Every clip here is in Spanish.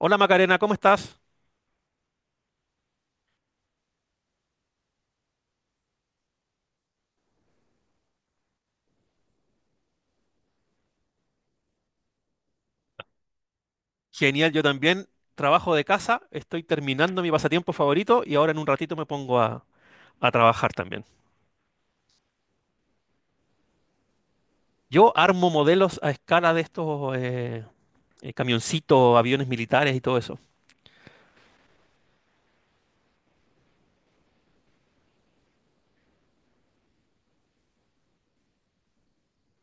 Hola Macarena, ¿cómo estás? Genial, yo también trabajo de casa, estoy terminando mi pasatiempo favorito y ahora en un ratito me pongo a trabajar también. Yo armo modelos a escala de estos camioncitos, aviones militares y todo eso.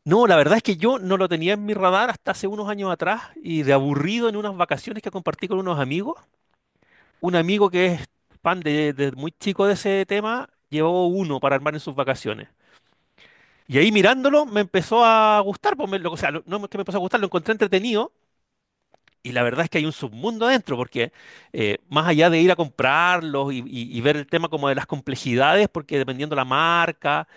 No, la verdad es que yo no lo tenía en mi radar hasta hace unos años atrás y de aburrido en unas vacaciones que compartí con unos amigos, un amigo que es fan de muy chico de ese tema, llevó uno para armar en sus vacaciones. Y ahí mirándolo me empezó a gustar, pues o sea, no es que me empezó a gustar, lo encontré entretenido, y la verdad es que hay un submundo adentro, porque más allá de ir a comprarlos y ver el tema como de las complejidades, porque dependiendo la marca,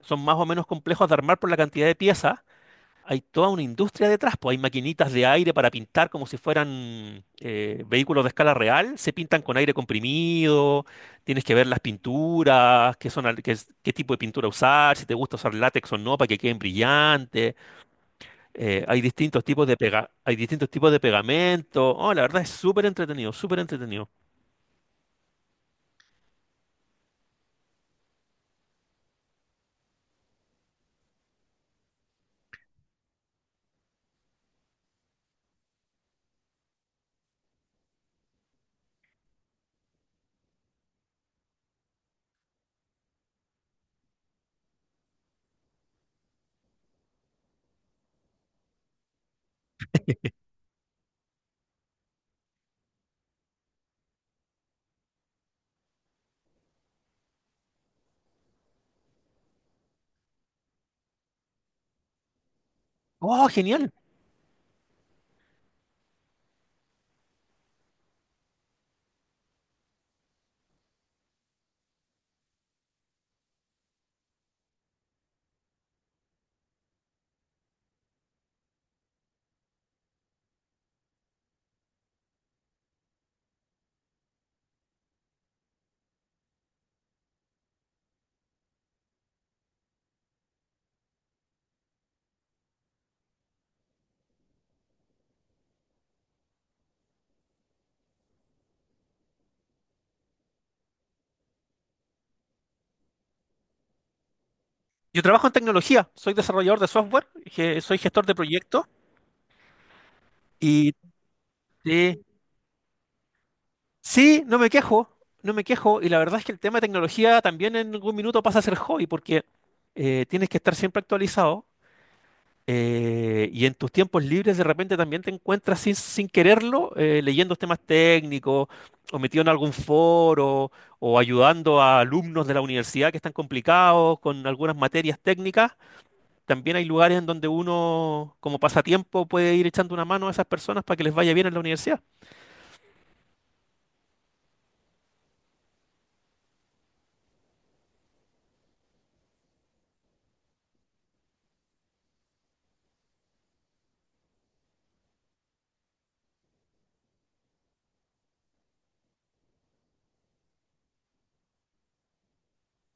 son más o menos complejos de armar por la cantidad de piezas. Hay toda una industria detrás, pues hay maquinitas de aire para pintar como si fueran vehículos de escala real, se pintan con aire comprimido. Tienes que ver las pinturas, qué son, qué, qué tipo de pintura usar, si te gusta usar látex o no para que queden brillantes. Hay distintos tipos de pega, hay distintos tipos de pegamento. Oh, la verdad es súper entretenido, súper entretenido. Oh, genial. Yo trabajo en tecnología, soy desarrollador de software, soy gestor de proyectos y sí. Sí, no me quejo, no me quejo. Y la verdad es que el tema de tecnología también en algún minuto pasa a ser hobby porque tienes que estar siempre actualizado, y en tus tiempos libres de repente también te encuentras sin quererlo, leyendo temas técnicos o metido en algún foro o ayudando a alumnos de la universidad que están complicados con algunas materias técnicas. También hay lugares en donde uno como pasatiempo puede ir echando una mano a esas personas para que les vaya bien en la universidad.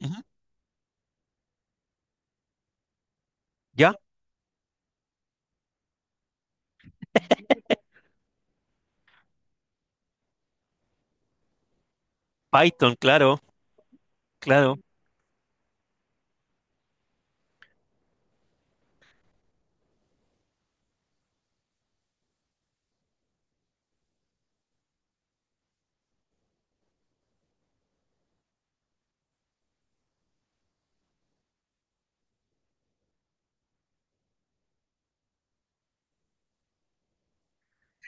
Ujú. ¿Ya? Python, claro, claro.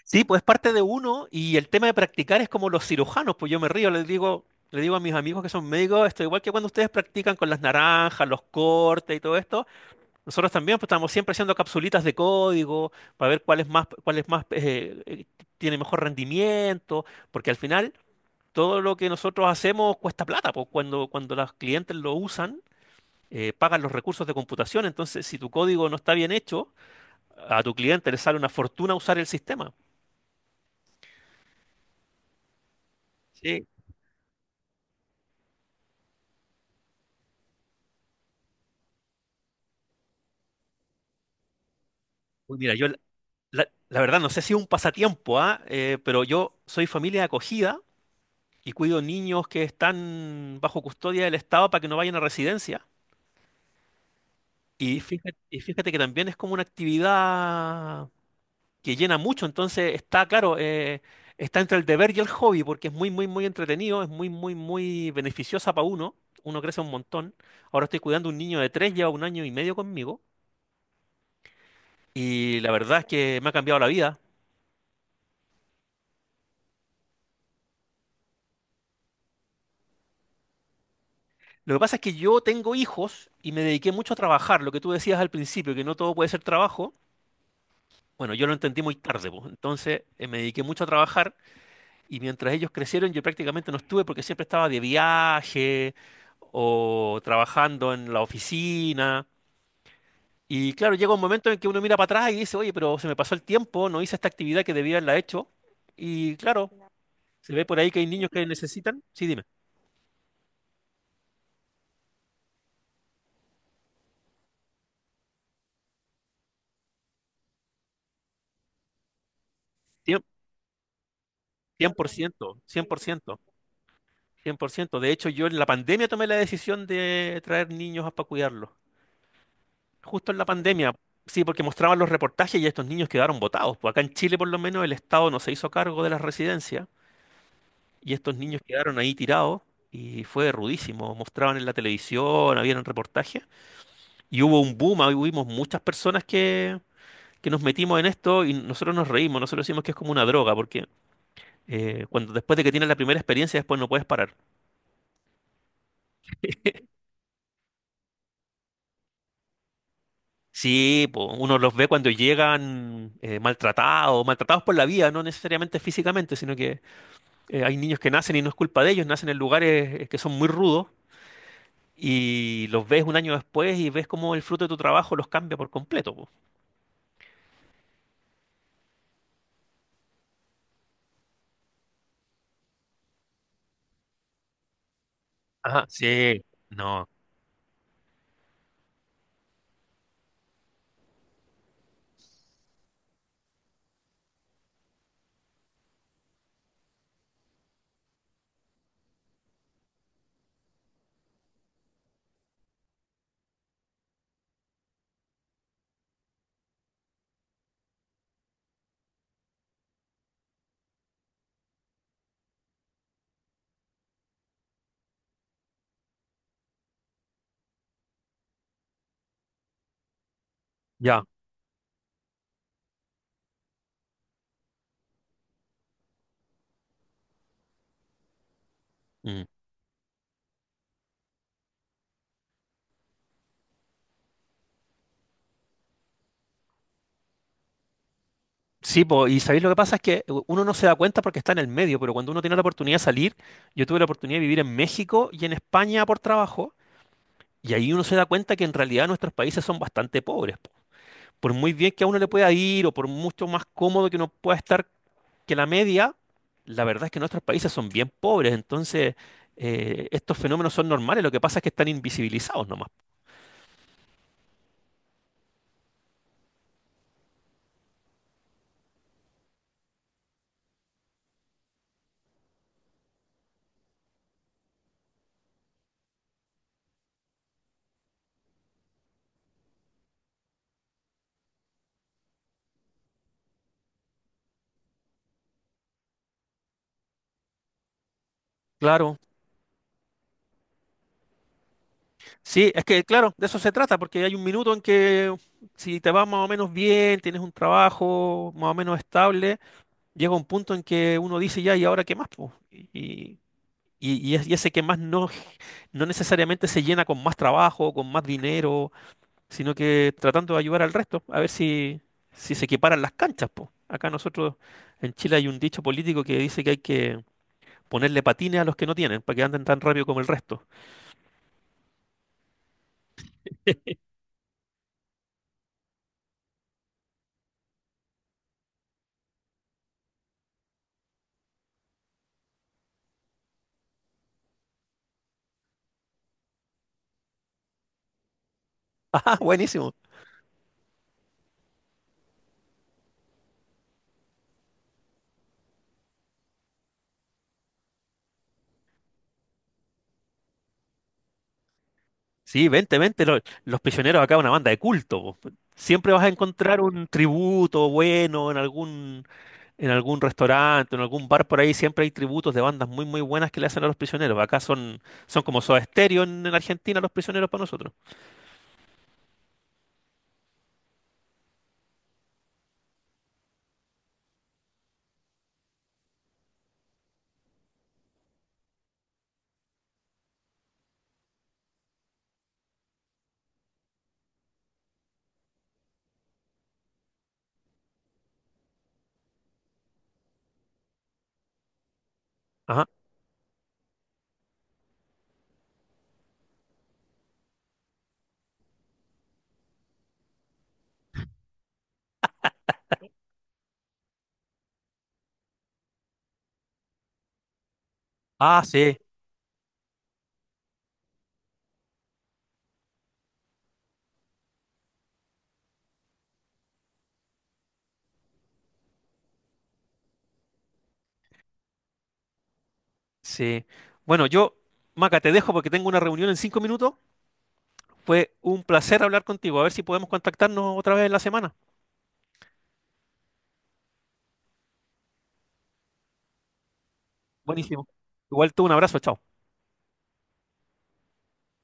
Sí, pues es parte de uno y el tema de practicar es como los cirujanos. Pues yo me río, les digo, le digo a mis amigos que son médicos, esto igual que cuando ustedes practican con las naranjas, los cortes y todo esto, nosotros también pues, estamos siempre haciendo capsulitas de código para ver cuál es más, tiene mejor rendimiento, porque al final todo lo que nosotros hacemos cuesta plata, pues cuando los clientes lo usan, pagan los recursos de computación. Entonces si tu código no está bien hecho, a tu cliente le sale una fortuna usar el sistema. Sí. Uy, mira, la verdad, no sé si es un pasatiempo, ¿ah? Pero yo soy familia de acogida y cuido niños que están bajo custodia del Estado para que no vayan a residencia. Y fíjate que también es como una actividad que llena mucho. Entonces claro, está entre el deber y el hobby, porque es muy, muy, muy entretenido, es muy, muy, muy beneficiosa para uno, uno crece un montón. Ahora estoy cuidando un niño de 3, lleva un año y medio conmigo, y la verdad es que me ha cambiado la vida. Lo que pasa es que yo tengo hijos y me dediqué mucho a trabajar, lo que tú decías al principio, que no todo puede ser trabajo. Bueno, yo lo entendí muy tarde, pues. Entonces me dediqué mucho a trabajar y mientras ellos crecieron yo prácticamente no estuve porque siempre estaba de viaje o trabajando en la oficina. Y claro, llega un momento en que uno mira para atrás y dice, oye, pero se me pasó el tiempo, no hice esta actividad que debía haberla hecho. Y claro, se ve por ahí que hay niños que necesitan. Sí, dime. Cien- por ciento, cien por ciento. 100%. De hecho, yo en la pandemia tomé la decisión de traer niños para cuidarlos. Justo en la pandemia. Sí, porque mostraban los reportajes y estos niños quedaron botados. Pues acá en Chile, por lo menos, el Estado no se hizo cargo de las residencias y estos niños quedaron ahí tirados y fue rudísimo. Mostraban en la televisión, habían reportajes y hubo un boom. Ahí hubimos muchas personas que nos metimos en esto y nosotros nos reímos. Nosotros decimos que es como una droga porque cuando después de que tienes la primera experiencia, después no puedes parar. Sí, po, uno los ve cuando llegan maltratados, maltratados por la vida, no necesariamente físicamente, sino que hay niños que nacen y no es culpa de ellos, nacen en lugares que son muy rudos, y los ves un año después y ves cómo el fruto de tu trabajo los cambia por completo, po. Ajá, sí, no, ya. Mm. Sí, po, y sabéis lo que pasa es que uno no se da cuenta porque está en el medio, pero cuando uno tiene la oportunidad de salir, yo tuve la oportunidad de vivir en México y en España por trabajo, y ahí uno se da cuenta que en realidad nuestros países son bastante pobres. Por muy bien que a uno le pueda ir o por mucho más cómodo que uno pueda estar que la media, la verdad es que nuestros países son bien pobres. Entonces estos fenómenos son normales, lo que pasa es que están invisibilizados nomás. Claro, sí, es que claro, de eso se trata, porque hay un minuto en que si te va más o menos bien, tienes un trabajo más o menos estable, llega un punto en que uno dice ya, ¿y ahora qué más, po? Y ese qué más no, no necesariamente se llena con más trabajo, con más dinero, sino que tratando de ayudar al resto, a ver si, si se equiparan las canchas, po. Acá nosotros en Chile hay un dicho político que dice que hay que ponerle patines a los que no tienen, para que anden tan rápido como el resto. ¡Ah, buenísimo! Sí, vente, vente, los Prisioneros acá es una banda de culto, po. Siempre vas a encontrar un tributo bueno en algún restaurante, en algún bar por ahí, siempre hay tributos de bandas muy muy buenas que le hacen a los Prisioneros. Acá son, son como Soda Stereo en Argentina los Prisioneros para nosotros. Ajá. Ah, sí. Sí. Bueno, yo, Maca, te dejo porque tengo una reunión en 5 minutos. Fue un placer hablar contigo. A ver si podemos contactarnos otra vez en la semana. Buenísimo. Igual tú, un abrazo, chao.